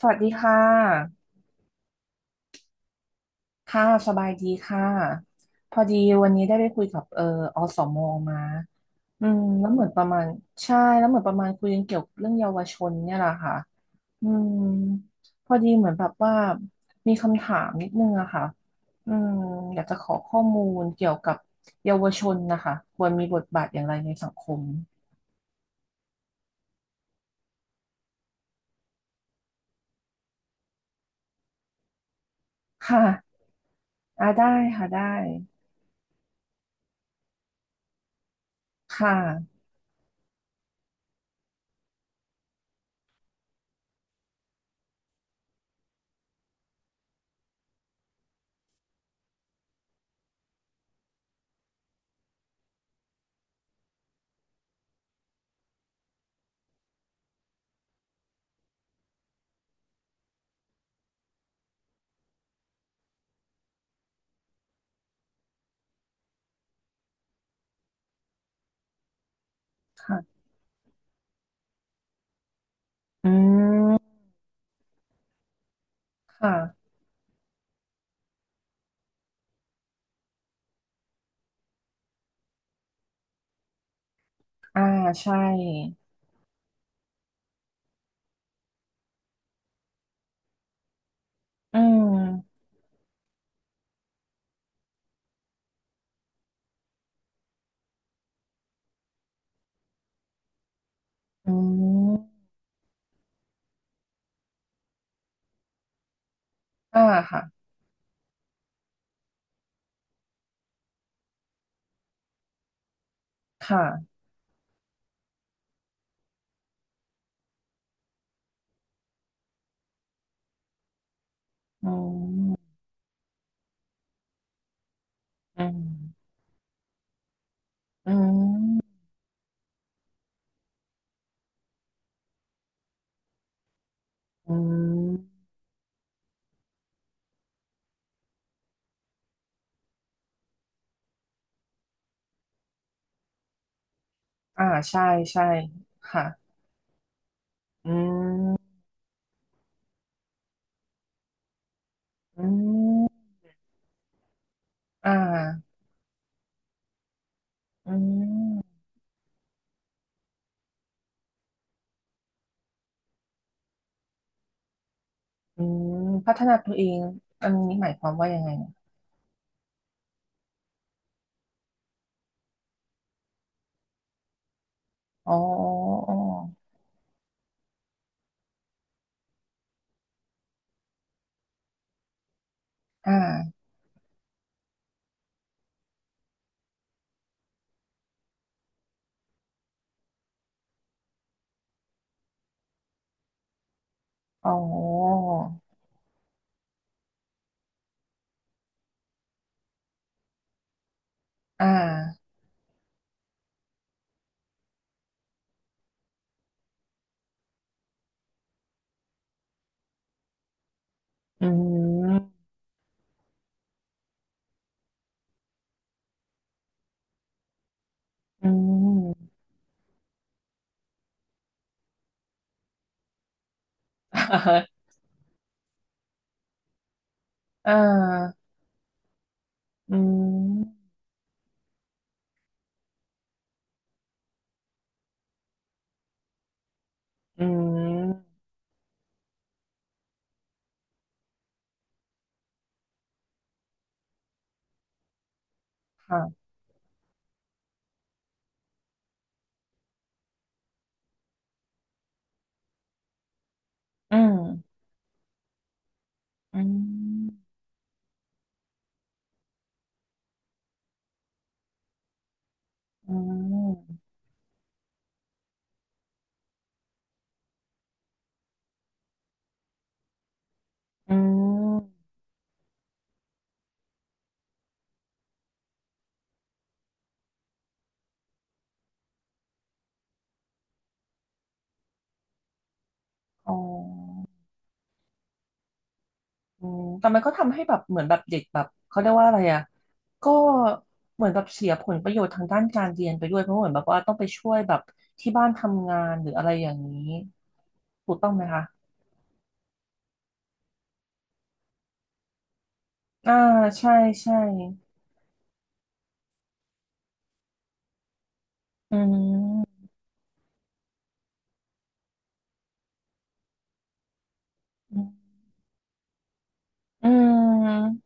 สวัสดีค่ะค่ะสบายดีค่ะพอดีวันนี้ได้ไปคุยกับอสมมาอืมแล้วเหมือนประมาณใช่แล้วเหมือนประมาณคุยกันเกี่ยวกับเรื่องเยาวชนเนี่ยแหละค่ะอืมพอดีเหมือนแบบว่ามีคำถามนิดนึงอะค่ะอืมอยากจะขอข้อมูลเกี่ยวกับเยาวชนนะคะควรมีบทบาทอย่างไรในสังคมค่ะอ่าได้ค่ะได้ค่ะ ค่ะอืมค่ะอ่าใช่ อืมอืมอ่าค่ะค่ะอืมอืมอืมอืมอ่าใช่ใช่ค่ะ อืมอืมอ่าอืมอืมพัฒนาตัวเองอันนี้หมายความว่ายังไงอะอ๋ออ๋ออ่าอ๋ออ่าอืมอืม อ่าอ่าอืมอืมค่ะอืมอืม อืมอืมอ๋ออืมแต่มันก็ทำให้แบบเหมือนแบบเด็กแบบเขาเรียกว่าอะไรอ่ะก็เหมือนแบบเสียผลประโยชน์ทางด้านการเรียนไปด้วยเพราะเหมือนแบบว่าต้องไปช่วยแบบที่บ้านทำงานหรืออะไรอย่างนี้ถูกต้องไหมคะอ่าใช่ใช่อืมอืมอืม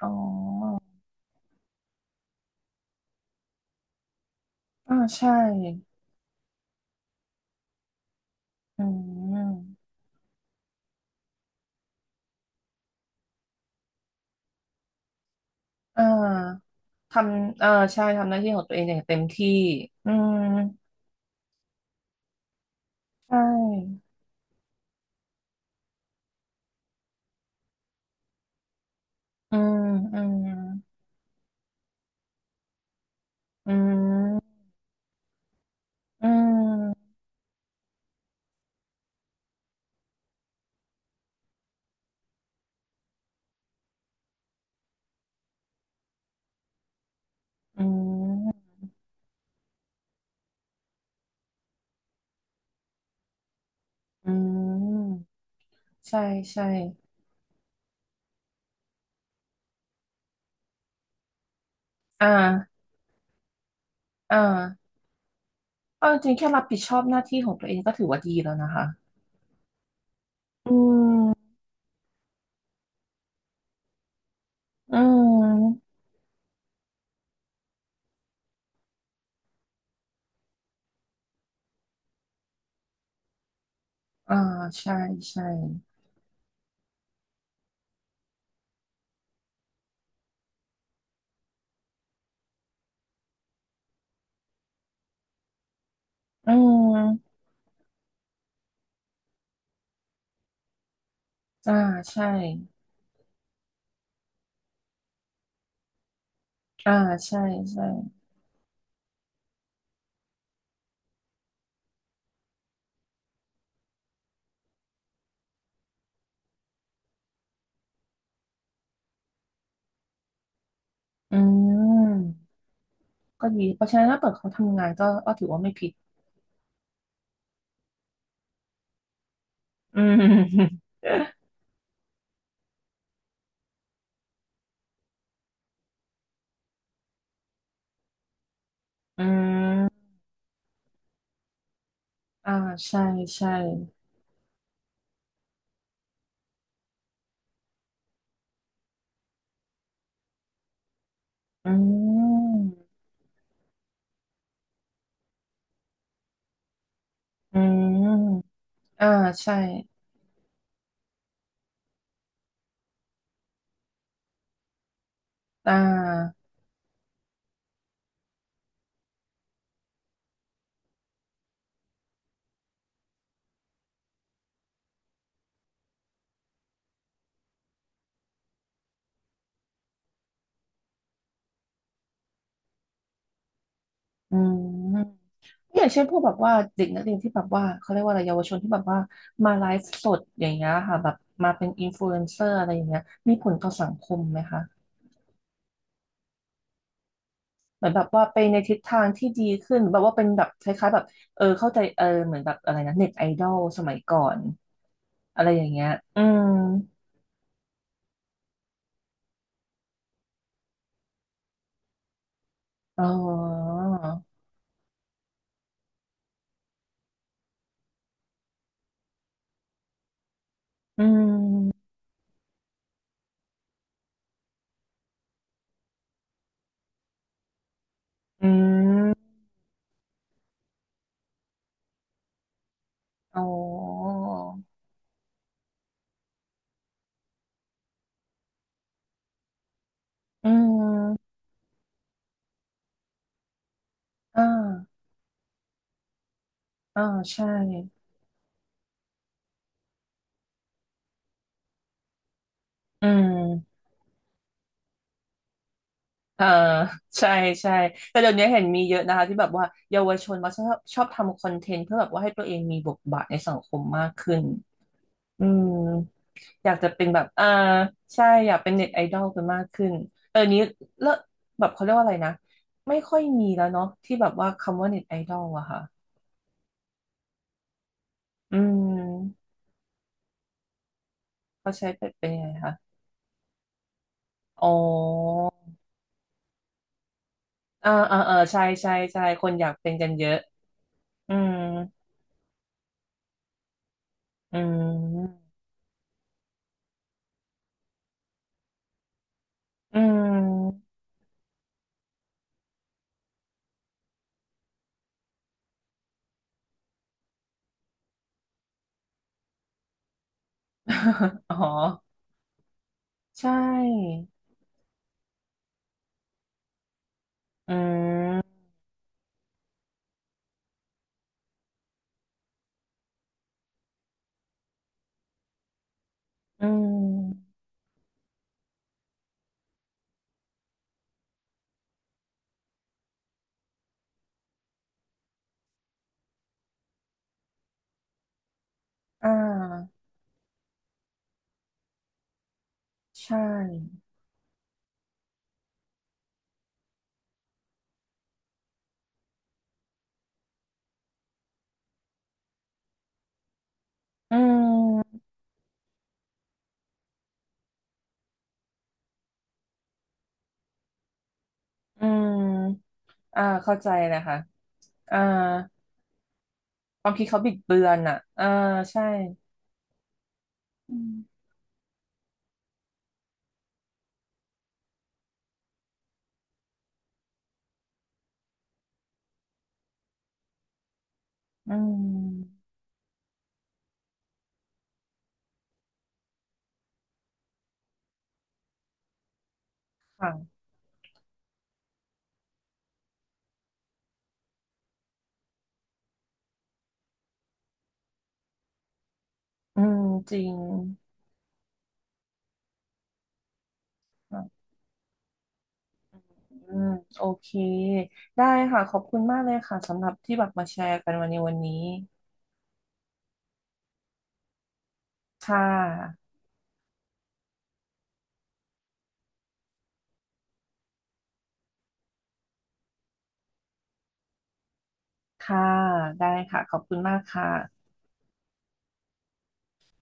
อ๋ออ่าใช่อืมอ่าทำเออใช่ทำหน้าที่ของตัวเองอย่างเต็มที่อืมใช่ อืมอืมอืมอืมอืมอืมใช่ใช่อ่าอ่าเอาจริงๆแค่รับผิดชอบหน้าที่ของตัวเองก็ถือว่าดีแล้วนะคะ อืมอืมอ่าใช่ใช่อืมอ่าใช่อ่าใช่ใช่อืมก็ดีเพราะฉะนั้นถ้าเปิดเขาทำงานก็ก็ถือว่าไม่ผิดอืม อืมอ่าใช่ใช่อืม อืมอ่าใช่อ่าอืมอย่างเช่นพวกแบบว่าเด็กนักเรียนที่แบบว่าเขาเรียกว่าอะไรเยาวชนที่แบบว่ามาไลฟ์สดอย่างเงี้ยค่ะแบบมาเป็นอินฟลูเอนเซอร์อะไรอย่างเงี้ยมีผลต่อสังคมไหมคะเหมือนแบบว่าไปในทิศทางที่ดีขึ้นหรือแบบว่าเป็นแบบคล้ายๆแบบเออเข้าใจเออเหมือนแบบอะไรนะเน็ตไอดอลสมัยก่อนอะไรอย่างเงี้ยอืมอ๋ออืมอืมอ๋ออืมอ่า อ่าใช่ อืมเอ่าใช่ใช่แต่เดี๋ยวนี้เห็นมีเยอะนะคะที่แบบว่าเยาวชนมาชอบชอบทำคอนเทนต์เพื่อแบบว่าให้ตัวเองมีบทบาทในสังคมมากขึ้น อืม อยากจะเป็นแบบ อ่าใช่อยากเป็นเน็ตไอดอลกันมากขึ้น เออนี้เลิกแบบเขาเรียกว่าอะไรนะ ไม่ค่อยมีแล้วเนาะที่แบบว่าคำว่าเน็ตไอดอลอะค่ะ อืมเขาใช้เป็นเป็นยังไงคะอ๋ออ่าอ่าอ่าใช่ใช่ใช่คนอยากเป็นกันเยอะอืมอืม อืม อ๋อใช่อืมอืมอ่าใช่ อืม อืม อ่าเข้าใจเลยค่ะอ่าความคิดเขาบิดเบือนอ่ะอ่าใช่อืมอืม ค่ะ อืมจริงค่ะอืม โอเคได้ค่ะ ขอบคุณมากเลยค่ะสำหรับที่แบบมาแชร์กันวันนี้วันนี้ค่ะ ค่ะ ได้ค่ะ ขอบคุณมากค่ะ